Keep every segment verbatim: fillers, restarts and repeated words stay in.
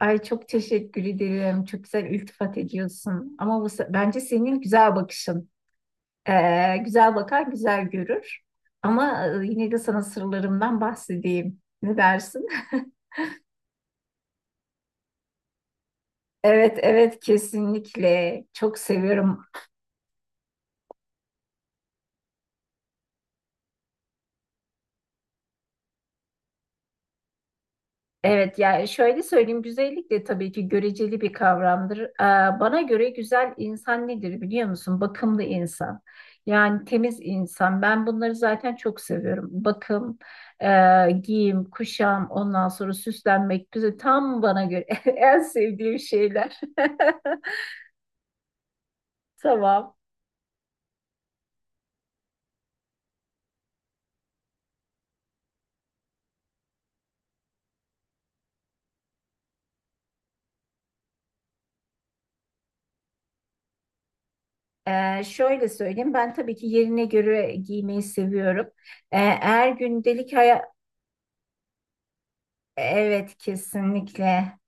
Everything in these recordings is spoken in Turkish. Ay çok teşekkür ederim. Çok güzel iltifat ediyorsun. Ama bu, se- bence senin güzel bakışın. Ee, güzel bakan güzel görür. Ama e, yine de sana sırlarımdan bahsedeyim. Ne dersin? Evet, evet, kesinlikle. Çok seviyorum. Evet, yani şöyle söyleyeyim, güzellik de tabii ki göreceli bir kavramdır. Ee, bana göre güzel insan nedir biliyor musun? Bakımlı insan. Yani temiz insan. Ben bunları zaten çok seviyorum. Bakım, e, giyim, kuşam, ondan sonra süslenmek güzel. Tam bana göre en sevdiğim şeyler. Tamam. Ee, şöyle söyleyeyim. Ben tabii ki yerine göre giymeyi seviyorum. Ee, eğer gündelik hayat... Evet, kesinlikle.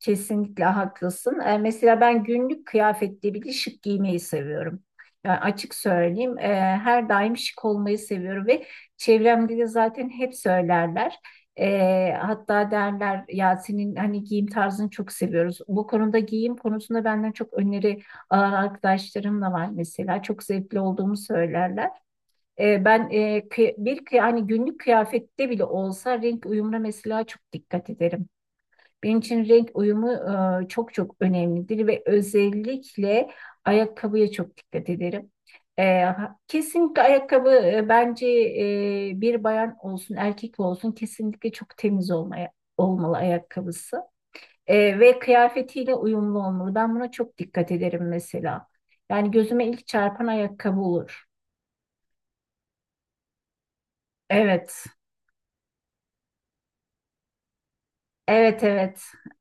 Kesinlikle haklısın. E, mesela ben günlük kıyafette bile şık giymeyi seviyorum. Yani açık söyleyeyim, e, her daim şık olmayı seviyorum ve çevremde de zaten hep söylerler. E, hatta derler ya, senin hani giyim tarzını çok seviyoruz. Bu konuda, giyim konusunda benden çok öneri alan arkadaşlarım da var mesela. Çok zevkli olduğumu söylerler. E, ben e, kıy- bir kıy- hani günlük kıyafette bile olsa renk uyumuna mesela çok dikkat ederim. Benim için renk uyumu e, çok çok önemlidir ve özellikle ayakkabıya çok dikkat ederim. E, ha- kesinlikle ayakkabı, e, bence e, bir bayan olsun erkek olsun, kesinlikle çok temiz olmaya, olmalı ayakkabısı. E, ve kıyafetiyle uyumlu olmalı. Ben buna çok dikkat ederim mesela. Yani gözüme ilk çarpan ayakkabı olur. Evet. Evet, evet.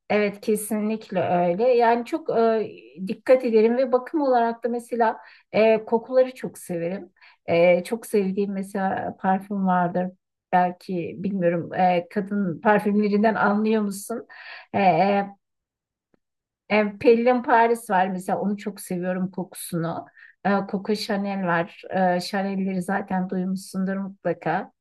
Evet, kesinlikle öyle. Yani çok e, dikkat ederim ve bakım olarak da mesela e, kokuları çok severim. E, çok sevdiğim mesela parfüm vardır. Belki bilmiyorum, e, kadın parfümlerinden anlıyor musun? E, e, e, Pellin Paris var mesela, onu çok seviyorum, kokusunu. E, Coco Chanel var. E, Chanel'leri zaten duymuşsundur mutlaka.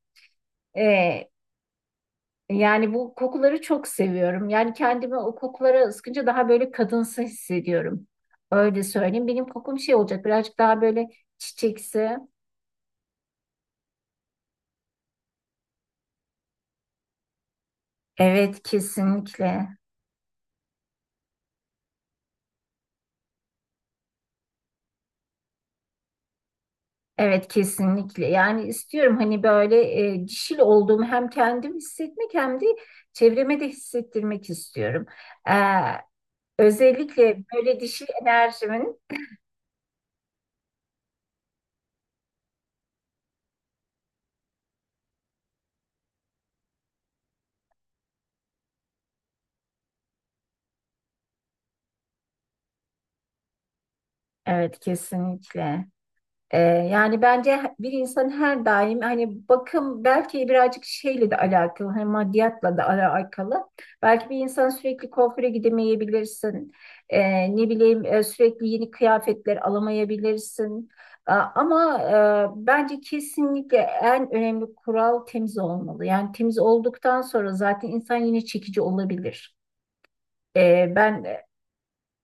Yani bu kokuları çok seviyorum. Yani kendimi o kokulara ıskınca daha böyle kadınsı hissediyorum. Öyle söyleyeyim. Benim kokum şey olacak, birazcık daha böyle çiçeksi. Evet, kesinlikle. Evet, kesinlikle. Yani istiyorum hani böyle e, dişil olduğumu hem kendim hissetmek hem de çevreme de hissettirmek istiyorum. Ee, özellikle böyle dişil enerjimin. Evet, kesinlikle. Ee, yani bence bir insan her daim hani bakım belki birazcık şeyle de alakalı, hani maddiyatla da alakalı. Belki bir insan sürekli kuaföre gidemeyebilirsin. Ee, ne bileyim, e, sürekli yeni kıyafetler alamayabilirsin. A- Ama e, bence kesinlikle en önemli kural temiz olmalı. Yani temiz olduktan sonra zaten insan yine çekici olabilir. Ee, ben e,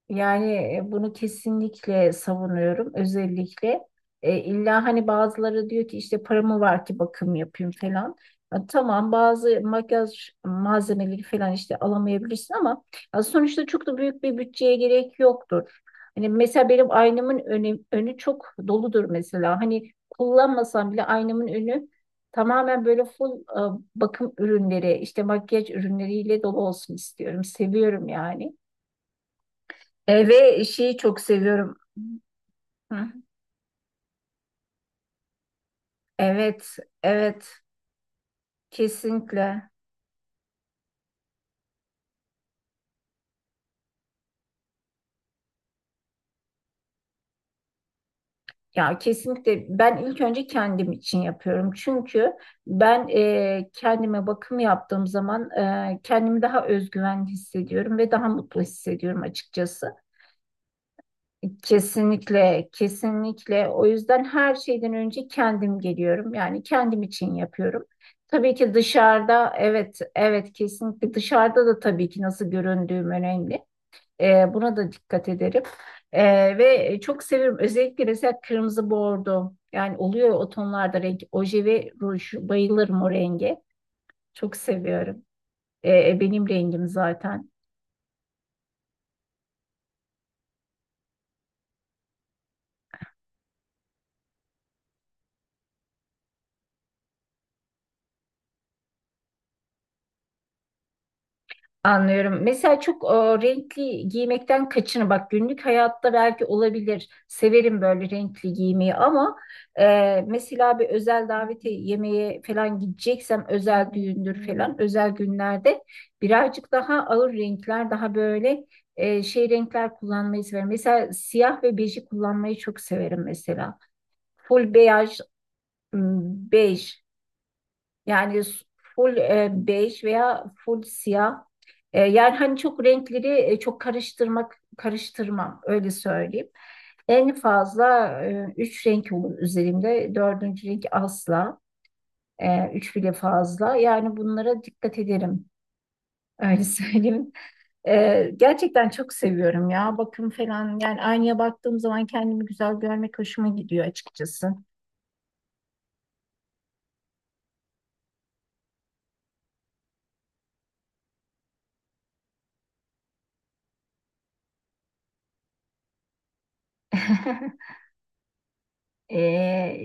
yani, e, bunu kesinlikle savunuyorum. Özellikle e, illa hani bazıları diyor ki, işte paramı var ki bakım yapayım falan. Ya tamam, bazı makyaj malzemeleri falan işte alamayabilirsin ama ya sonuçta çok da büyük bir bütçeye gerek yoktur. Hani mesela benim aynamın önü, önü çok doludur mesela. Hani kullanmasam bile aynamın önü tamamen böyle full e, bakım ürünleri, işte makyaj ürünleriyle dolu olsun istiyorum. Seviyorum yani. E, ve şeyi çok seviyorum. Hı. Evet, evet, kesinlikle. Ya kesinlikle, ben ilk önce kendim için yapıyorum. Çünkü ben e, kendime bakım yaptığım zaman e, kendimi daha özgüven hissediyorum ve daha mutlu hissediyorum açıkçası. Kesinlikle, kesinlikle. O yüzden her şeyden önce kendim geliyorum. Yani kendim için yapıyorum. Tabii ki dışarıda, evet, evet, kesinlikle dışarıda da tabii ki nasıl göründüğüm önemli. E, buna da dikkat ederim. E, ve e, çok severim. Özellikle mesela kırmızı bordo. Yani oluyor o tonlarda renk. Oje ve ruj. Bayılırım o renge. Çok seviyorum. E, benim rengim zaten. Anlıyorum. Mesela çok e, renkli giymekten kaçının. Bak, günlük hayatta belki olabilir. Severim böyle renkli giymeyi ama e, mesela bir özel davete, yemeğe falan gideceksem, özel düğündür falan, özel günlerde birazcık daha ağır renkler, daha böyle e, şey renkler kullanmayı severim. Mesela siyah ve beji kullanmayı çok severim mesela. Full beyaz, m, bej. Yani s- full e, bej veya full siyah. E, yani hani çok renkleri e, çok karıştırmak karıştırmam, öyle söyleyeyim. En fazla e, üç renk olur üzerimde. Dördüncü renk asla. E, üç bile fazla. Yani bunlara dikkat ederim. Öyle söyleyeyim. E, gerçekten çok seviyorum ya. Bakım falan. Yani aynaya baktığım zaman kendimi güzel görmek hoşuma gidiyor açıkçası. Ee,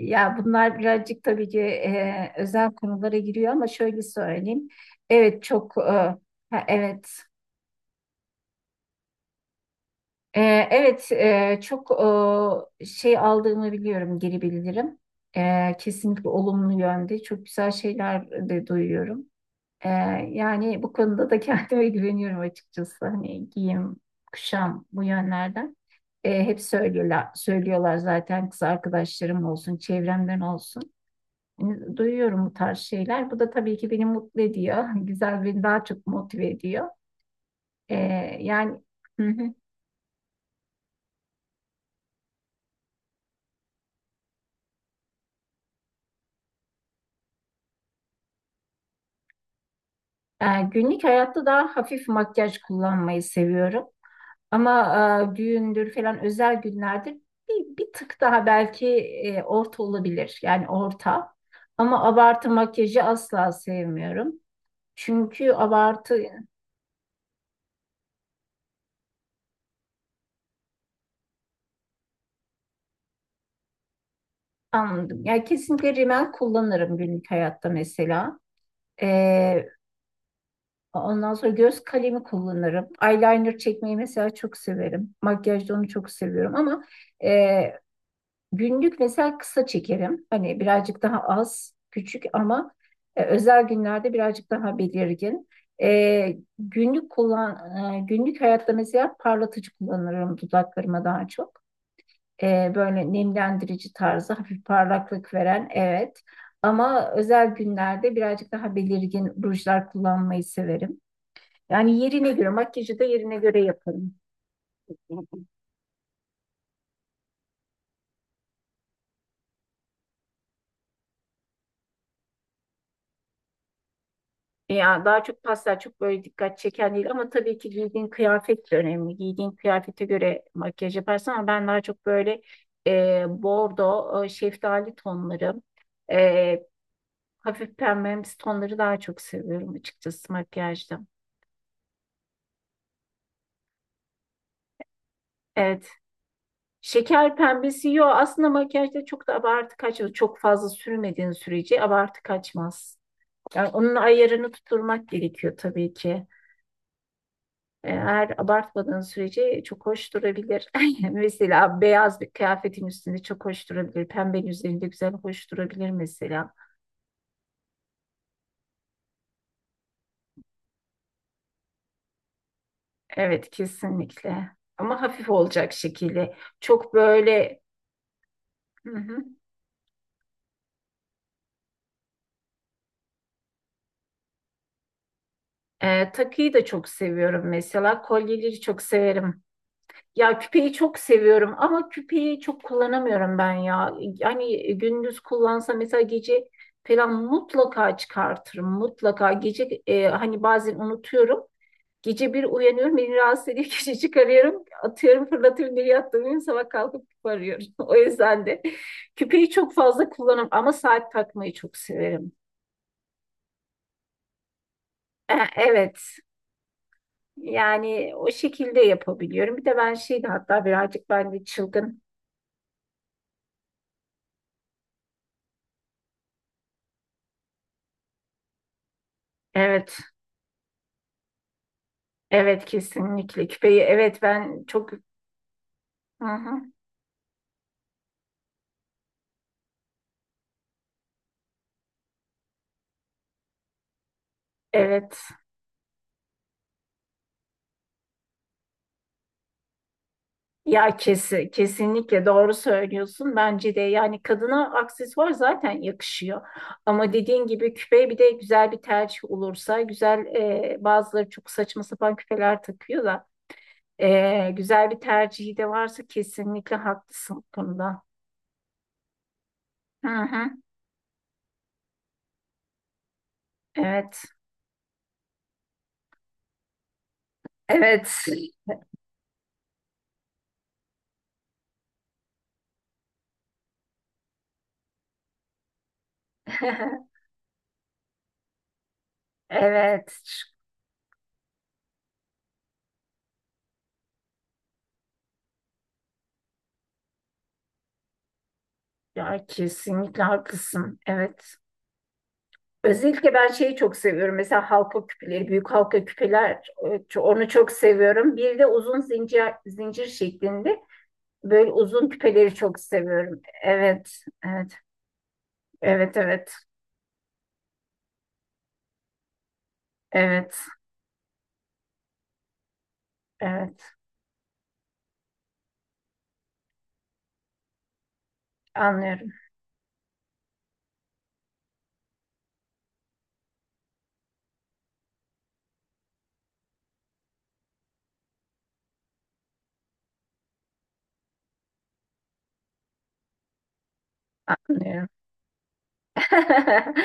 ya bunlar birazcık tabii ki e, özel konulara giriyor ama şöyle söyleyeyim. Evet, çok e, ha, evet. E, evet, e, çok e, şey aldığımı biliyorum, geri bildirim. E, kesinlikle olumlu yönde çok güzel şeyler de duyuyorum. E, yani bu konuda da kendime güveniyorum açıkçası. Hani giyim, kuşam, bu yönlerden. E, hep söylüyorlar, söylüyorlar zaten, kız arkadaşlarım olsun, çevremden olsun. E, Duyuyorum bu tarz şeyler. Bu da tabii ki beni mutlu ediyor. Güzel, beni daha çok motive ediyor. E, yani, hı hı. E, günlük hayatta daha hafif makyaj kullanmayı seviyorum. Ama e, düğündür falan, özel günlerde bir, bir tık daha belki e, orta olabilir. Yani orta. Ama abartı makyajı asla sevmiyorum. Çünkü abartı... Anladım. Yani kesinlikle rimel kullanırım günlük hayatta mesela. Ee, Ondan sonra göz kalemi kullanırım. Eyeliner çekmeyi mesela çok severim. Makyajda onu çok seviyorum ama e, günlük mesela kısa çekerim. Hani birazcık daha az, küçük ama e, özel günlerde birazcık daha belirgin. E, günlük kullan, e, günlük hayatta mesela parlatıcı kullanırım dudaklarıma daha çok. E, böyle nemlendirici tarzı, hafif parlaklık veren, evet. Ama özel günlerde birazcık daha belirgin rujlar kullanmayı severim. Yani yerine göre makyajı da yerine göre yaparım. Ya daha çok pastel, çok böyle dikkat çeken değil, ama tabii ki giydiğin kıyafet de önemli. Giydiğin kıyafete göre makyaj yaparsın ama ben daha çok böyle e, bordo, e, şeftali tonları, e, hafif pembemsi tonları daha çok seviyorum açıkçası, makyajda. Evet. Şeker pembesi yok. Aslında makyajda çok da abartı kaçmaz. Çok fazla sürmediğin sürece abartı kaçmaz. Yani onun ayarını tutturmak gerekiyor tabii ki. Eğer abartmadığın sürece çok hoş durabilir. Mesela beyaz bir kıyafetin üstünde çok hoş durabilir. Pembenin üzerinde güzel hoş durabilir mesela. Evet, kesinlikle. Ama hafif olacak şekilde. Çok böyle... Hı hı. Ee, takıyı da çok seviyorum mesela. Kolyeleri çok severim. Ya küpeyi çok seviyorum ama küpeyi çok kullanamıyorum ben ya. Yani gündüz kullansa mesela gece falan mutlaka çıkartırım. Mutlaka gece e, hani bazen unutuyorum. Gece bir uyanıyorum, beni rahatsız ediyor. Gece çıkarıyorum, atıyorum, fırlatıyorum, bir yattığım sabah kalkıp küpe arıyorum. O yüzden de küpeyi çok fazla kullanırım ama saat takmayı çok severim. E, Evet, yani o şekilde yapabiliyorum. Bir de ben şeydi hatta, birazcık ben de çılgın. Evet, evet, kesinlikle, küpeyi. Evet, ben çok... Hı hı, evet. Ya kesin, kesinlikle doğru söylüyorsun. Bence de, yani kadına aksesuar zaten yakışıyor. Ama dediğin gibi küpe bir de güzel bir tercih olursa güzel. e, bazıları çok saçma sapan küpeler takıyor da e, güzel bir tercihi de varsa kesinlikle haklısın bunda. Hı hı. Evet. Evet. Evet. Ya kesinlikle haklısın. Evet. Özellikle ben şeyi çok seviyorum. Mesela halka küpeleri, büyük halka küpeler, e, onu çok seviyorum. Bir de uzun, zincir zincir şeklinde böyle uzun küpeleri çok seviyorum. Evet, evet, evet, evet, evet, evet. Anlıyorum, anlıyorum.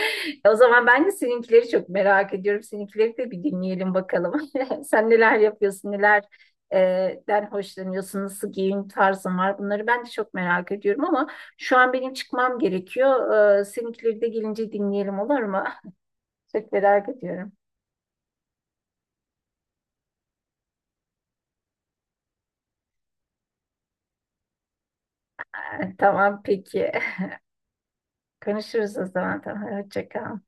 O zaman ben de seninkileri çok merak ediyorum. Seninkileri de bir dinleyelim bakalım. Sen neler yapıyorsun, neler e, den hoşlanıyorsun, nasıl giyim tarzın var. Bunları ben de çok merak ediyorum ama şu an benim çıkmam gerekiyor. E, seninkileri de gelince dinleyelim, olur mu? Çok merak ediyorum. E, tamam, peki. Konuşuruz o zaman. Tamam, hoşça kal.